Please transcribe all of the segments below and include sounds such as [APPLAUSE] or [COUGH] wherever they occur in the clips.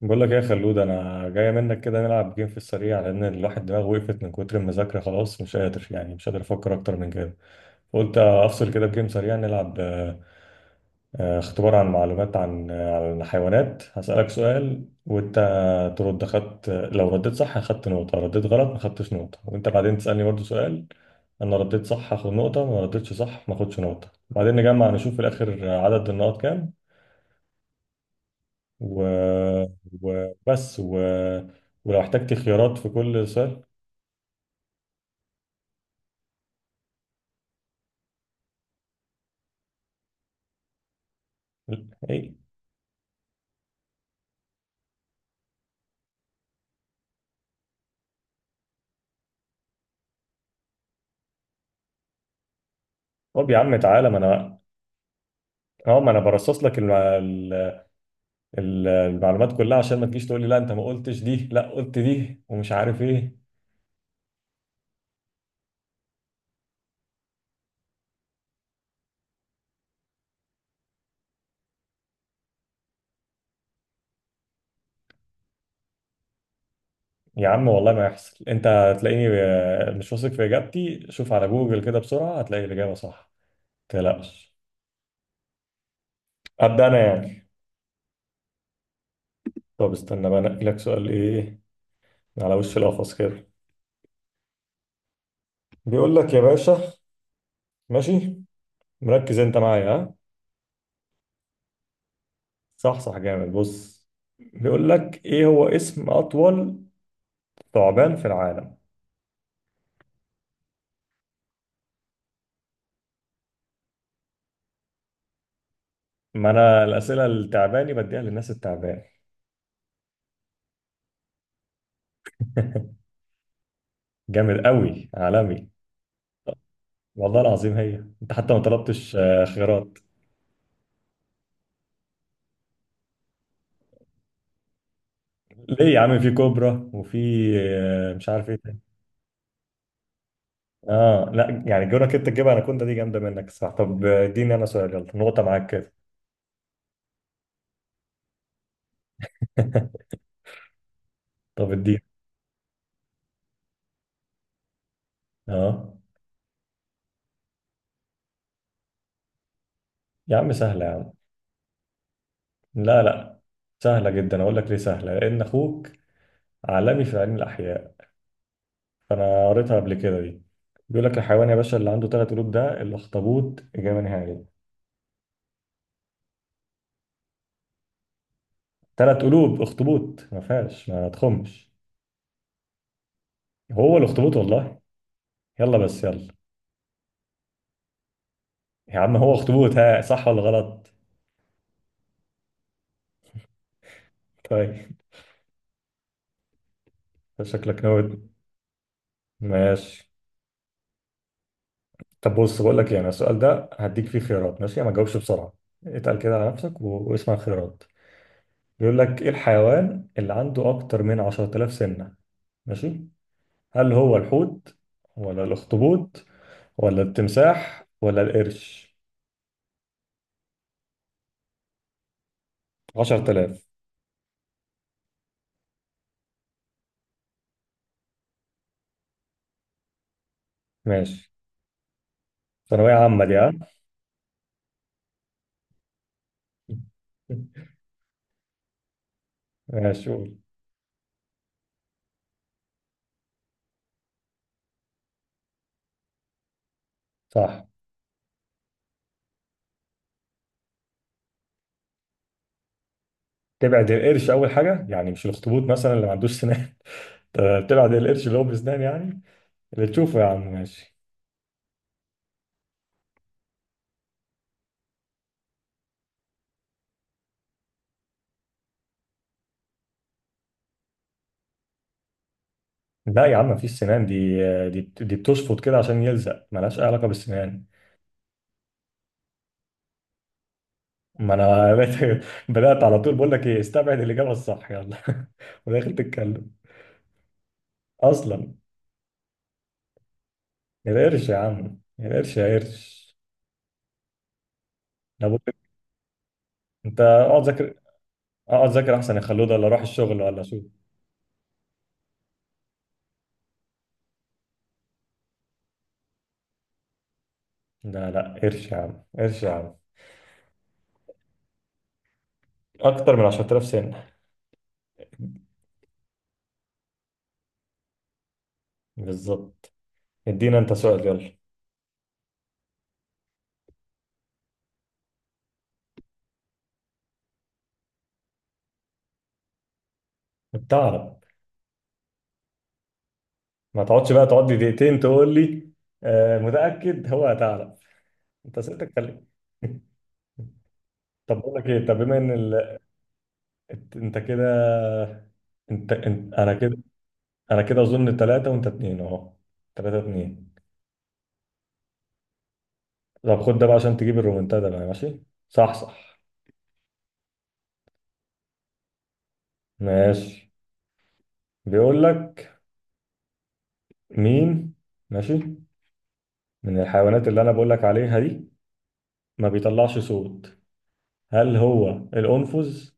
بقول لك إيه يا خلود انا جاي منك كده نلعب جيم في السريع لان الواحد دماغه وقفت من كتر المذاكره خلاص مش قادر يعني مش قادر افكر اكتر من كده قلت افصل كده بجيم سريع نلعب اختبار عن معلومات عن الحيوانات هسألك سؤال وانت ترد خدت لو رديت صح اخدت نقطه رديت غلط ما خدتش نقطه وانت بعدين تسألني برضو سؤال انا رديت صح هاخد نقطه ما رديتش صح ما اخدش نقطه بعدين نجمع نشوف في الاخر عدد النقط كام و... وبس ولو احتجت خيارات في كل سؤال. ايه؟ طب يا عم تعالى ما انا اه ما انا برصص لك المعلومات كلها عشان ما تجيش تقول لي لا انت ما قلتش دي لا قلت دي ومش عارف ايه. يا عم والله ما يحصل، انت هتلاقيني مش واثق في اجابتي شوف على جوجل كده بسرعة هتلاقي الاجابة صح، ما تقلقش. ابدا انا يعني طب استنى بقى انقي لك سؤال ايه على وش القفص كده. بيقول لك يا باشا، ماشي، مركز انت معايا؟ ها صح صح جامد بص. بيقول لك ايه هو اسم اطول ثعبان في العالم؟ ما انا الاسئله التعباني بديها للناس التعبان. جامد قوي عالمي، والله العظيم. هي انت حتى ما طلبتش خيارات. ليه يا عم، في كوبرا وفي مش عارف ايه تاني. اه لا يعني جونك انت تجيبها، انا كنت دي جامده منك. صح طب، اديني انا سؤال يلا، نقطه معاك كده. [LAUGHS] طب اديني. اه يا عم سهله يا عم. لا لا سهله جدا، اقول لك ليه سهله، لان اخوك عالمي في علم الاحياء فانا قريتها قبل كده دي. بيقول لك الحيوان يا باشا اللي عنده 3 قلوب ده الاخطبوط، اجابه نهائيه. 3 قلوب اخطبوط، ما فيهاش ما تخمش. هو الاخطبوط والله. يلا بس يلا. يا عم هو اخطبوط، ها صح ولا غلط؟ طيب. [LAUGHS] شكلك نود. ماشي. طب بص بقول لك ايه، انا السؤال ده هديك فيه خيارات ماشي، ما تجاوبش بسرعه، اتقل كده على نفسك واسمع الخيارات. بيقول لك ايه الحيوان اللي عنده اكتر من 10,000 سنه؟ ماشي، هل هو الحوت، ولا الأخطبوط، ولا التمساح، ولا القرش؟ 10,000. ماشي. ثانوية عامة دي، ها. [LAUGHS] ماشي قول. صح. تبعد القرش أول حاجة، يعني مش الأخطبوط مثلا اللي ما عندوش سنان؟ [LAUGHS] طب تبعد القرش اللي هو بسنان، يعني اللي تشوفه يا عم ماشي. لا يا عم مفيش سنان دي، دي بتشفط كده عشان يلزق، ملهاش أي علاقة بالسنان. ما أنا [LAUGHS] بدأت على طول بقول لك إيه استبعد الإجابة الصح يلا. [LAUGHS] وداخل تتكلم. أصلا القرش، يا عم القرش، يا قرش. انا بقول لك، انت اقعد ذاكر. اقعد ذاكر احسن يا خلود، ولا اروح الشغل ولا شو. لا لا قرش يا عم، قرش يا عم. اكتر من 10,000 سنه. بالظبط. ادينا انت سؤال يلا. بتعرف؟ ما تقعدش بقى تقعد لي دقيقتين تقول لي. آه متاكد هو هتعرف. انت سألتك خلي. [LAUGHS] طب بقول لك ايه، طب بما ان انت كده، انت... انت انا كده. انا كده اظن ثلاثه وانت اثنين اهو، 3-2. طب خد ده بقى عشان تجيب الرومنتادا بقى، ماشي؟ صح صح ماشي. بيقول لك مين، ماشي، من الحيوانات اللي انا بقول لك عليها دي ما بيطلعش صوت؟ هل هو الأنفذ،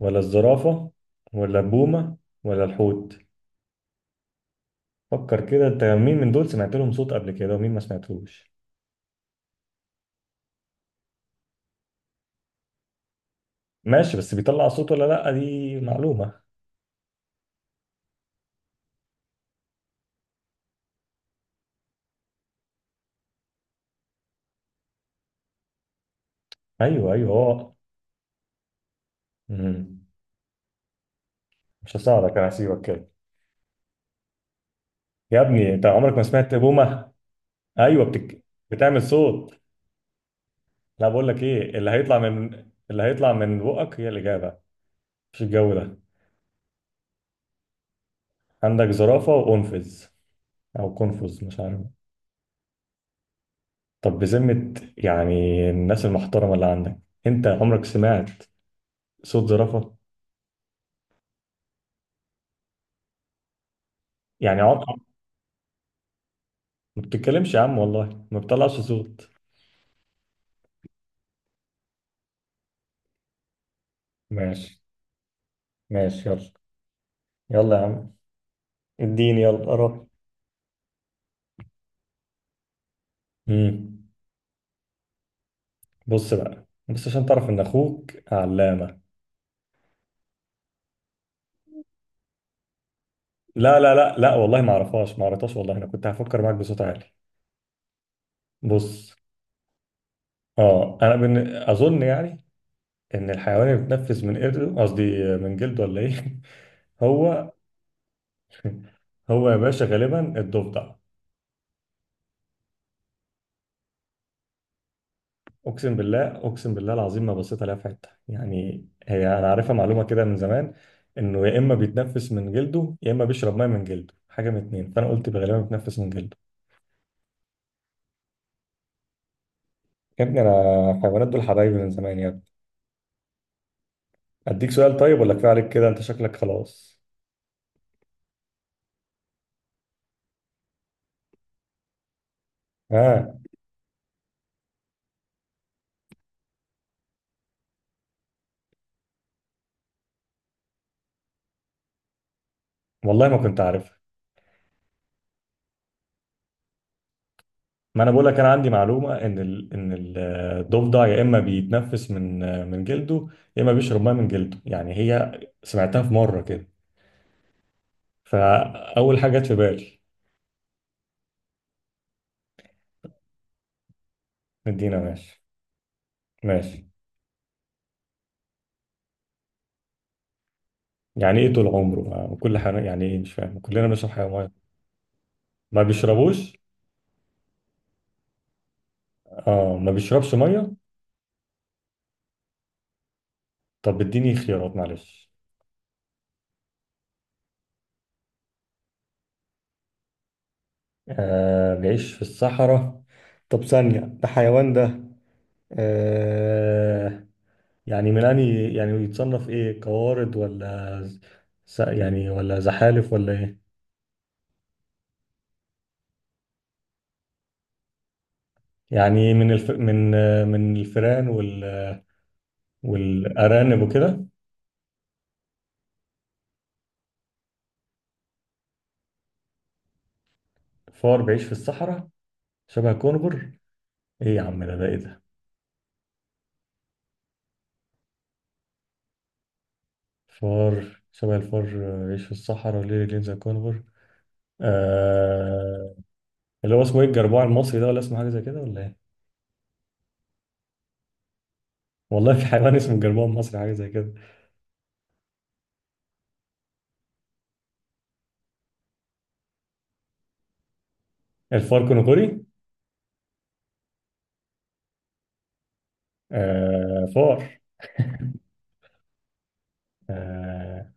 ولا الزرافة، ولا البومة، ولا الحوت؟ فكر كده، انت مين من دول سمعت لهم صوت قبل كده ومين ما سمعتوش. ماشي، بس بيطلع صوت ولا لا دي معلومة. ايوه ايوه هو. مم. مش هساعدك، انا هسيبك كده. يا ابني انت عمرك ما سمعت بومة. ايوه بتعمل صوت. لا بقول لك ايه اللي هيطلع من، اللي هيطلع من بقك هي الإجابة، مش الجو ده. عندك زرافة وقنفذ، أو قنفذ مش عارف. طب بذمة، يعني الناس المحترمة اللي عندك، أنت عمرك سمعت صوت زرافة؟ يعني عمرك ما بتتكلمش، يا عم والله ما بتطلعش صوت. ماشي ماشي يلا. يلا يا عم، اديني يلا قرب. امم. بص بقى بس عشان تعرف إن أخوك علامة. لا والله ما أعرفهاش ما قريتهاش والله، أنا كنت هفكر معاك بصوت عالي. بص، اه انا اظن يعني ان الحيوان اللي بيتنفس من قرده قصدي من جلده ولا ايه؟ [LAUGHS] هو هو يا باشا غالبا الضفدع. اقسم بالله اقسم بالله العظيم ما بصيت عليها في حته، يعني هي انا عارفها معلومه كده من زمان انه يا اما بيتنفس من جلده يا اما بيشرب ميه من جلده، حاجه من اتنين، فانا قلت غالبا بيتنفس من جلده. يا ابني انا الحيوانات دول حبايبي من زمان يا ابني. اديك سؤال طيب ولا كفايه عليك كده، انت شكلك خلاص. ها. والله ما كنت عارف. ما انا بقول لك انا عندي معلومه ان الضفدع يا اما بيتنفس من من جلده يا اما بيشرب ميه من جلده، يعني هي سمعتها في مره كده فاول حاجه جت في بالي. مدينا ماشي. ماشي. يعني ايه طول عمره كل حاجه، يعني ايه مش فاهم، كلنا بنشرب حاجه ميه. ما بيشربوش. اه ما بيشربش ميه. طب اديني خيارات معلش. آه بيعيش في الصحراء. طب ثانيه ده حيوان ده؟ آه، يعني ميلاني يعني يتصنف ايه، قوارض ولا يعني ولا زحالف ولا ايه؟ يعني من الفئران والارانب وكده. فار بيعيش في الصحراء، شبه كونغر، ايه يا عم ده ايه ده؟ فار شبه الفار بيعيش في الصحراء وليه رجلين زي كونغر. آه... اللي هو اسمه ايه الجربوع المصري ده، ولا اسمه حاجه زي كده ولا ايه؟ والله في حيوان اسمه الجربوع المصري حاجه زي كده. الفار كونغري. فار. آه...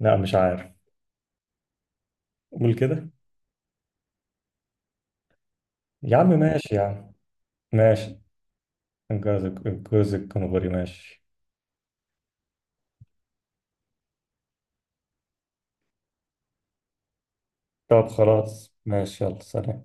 لا مش عارف، قول كده. يا عم ماشي يا عم. ماشي. الجوز الكنغوري، ماشي. طب خلاص ماشي، يلا سلام.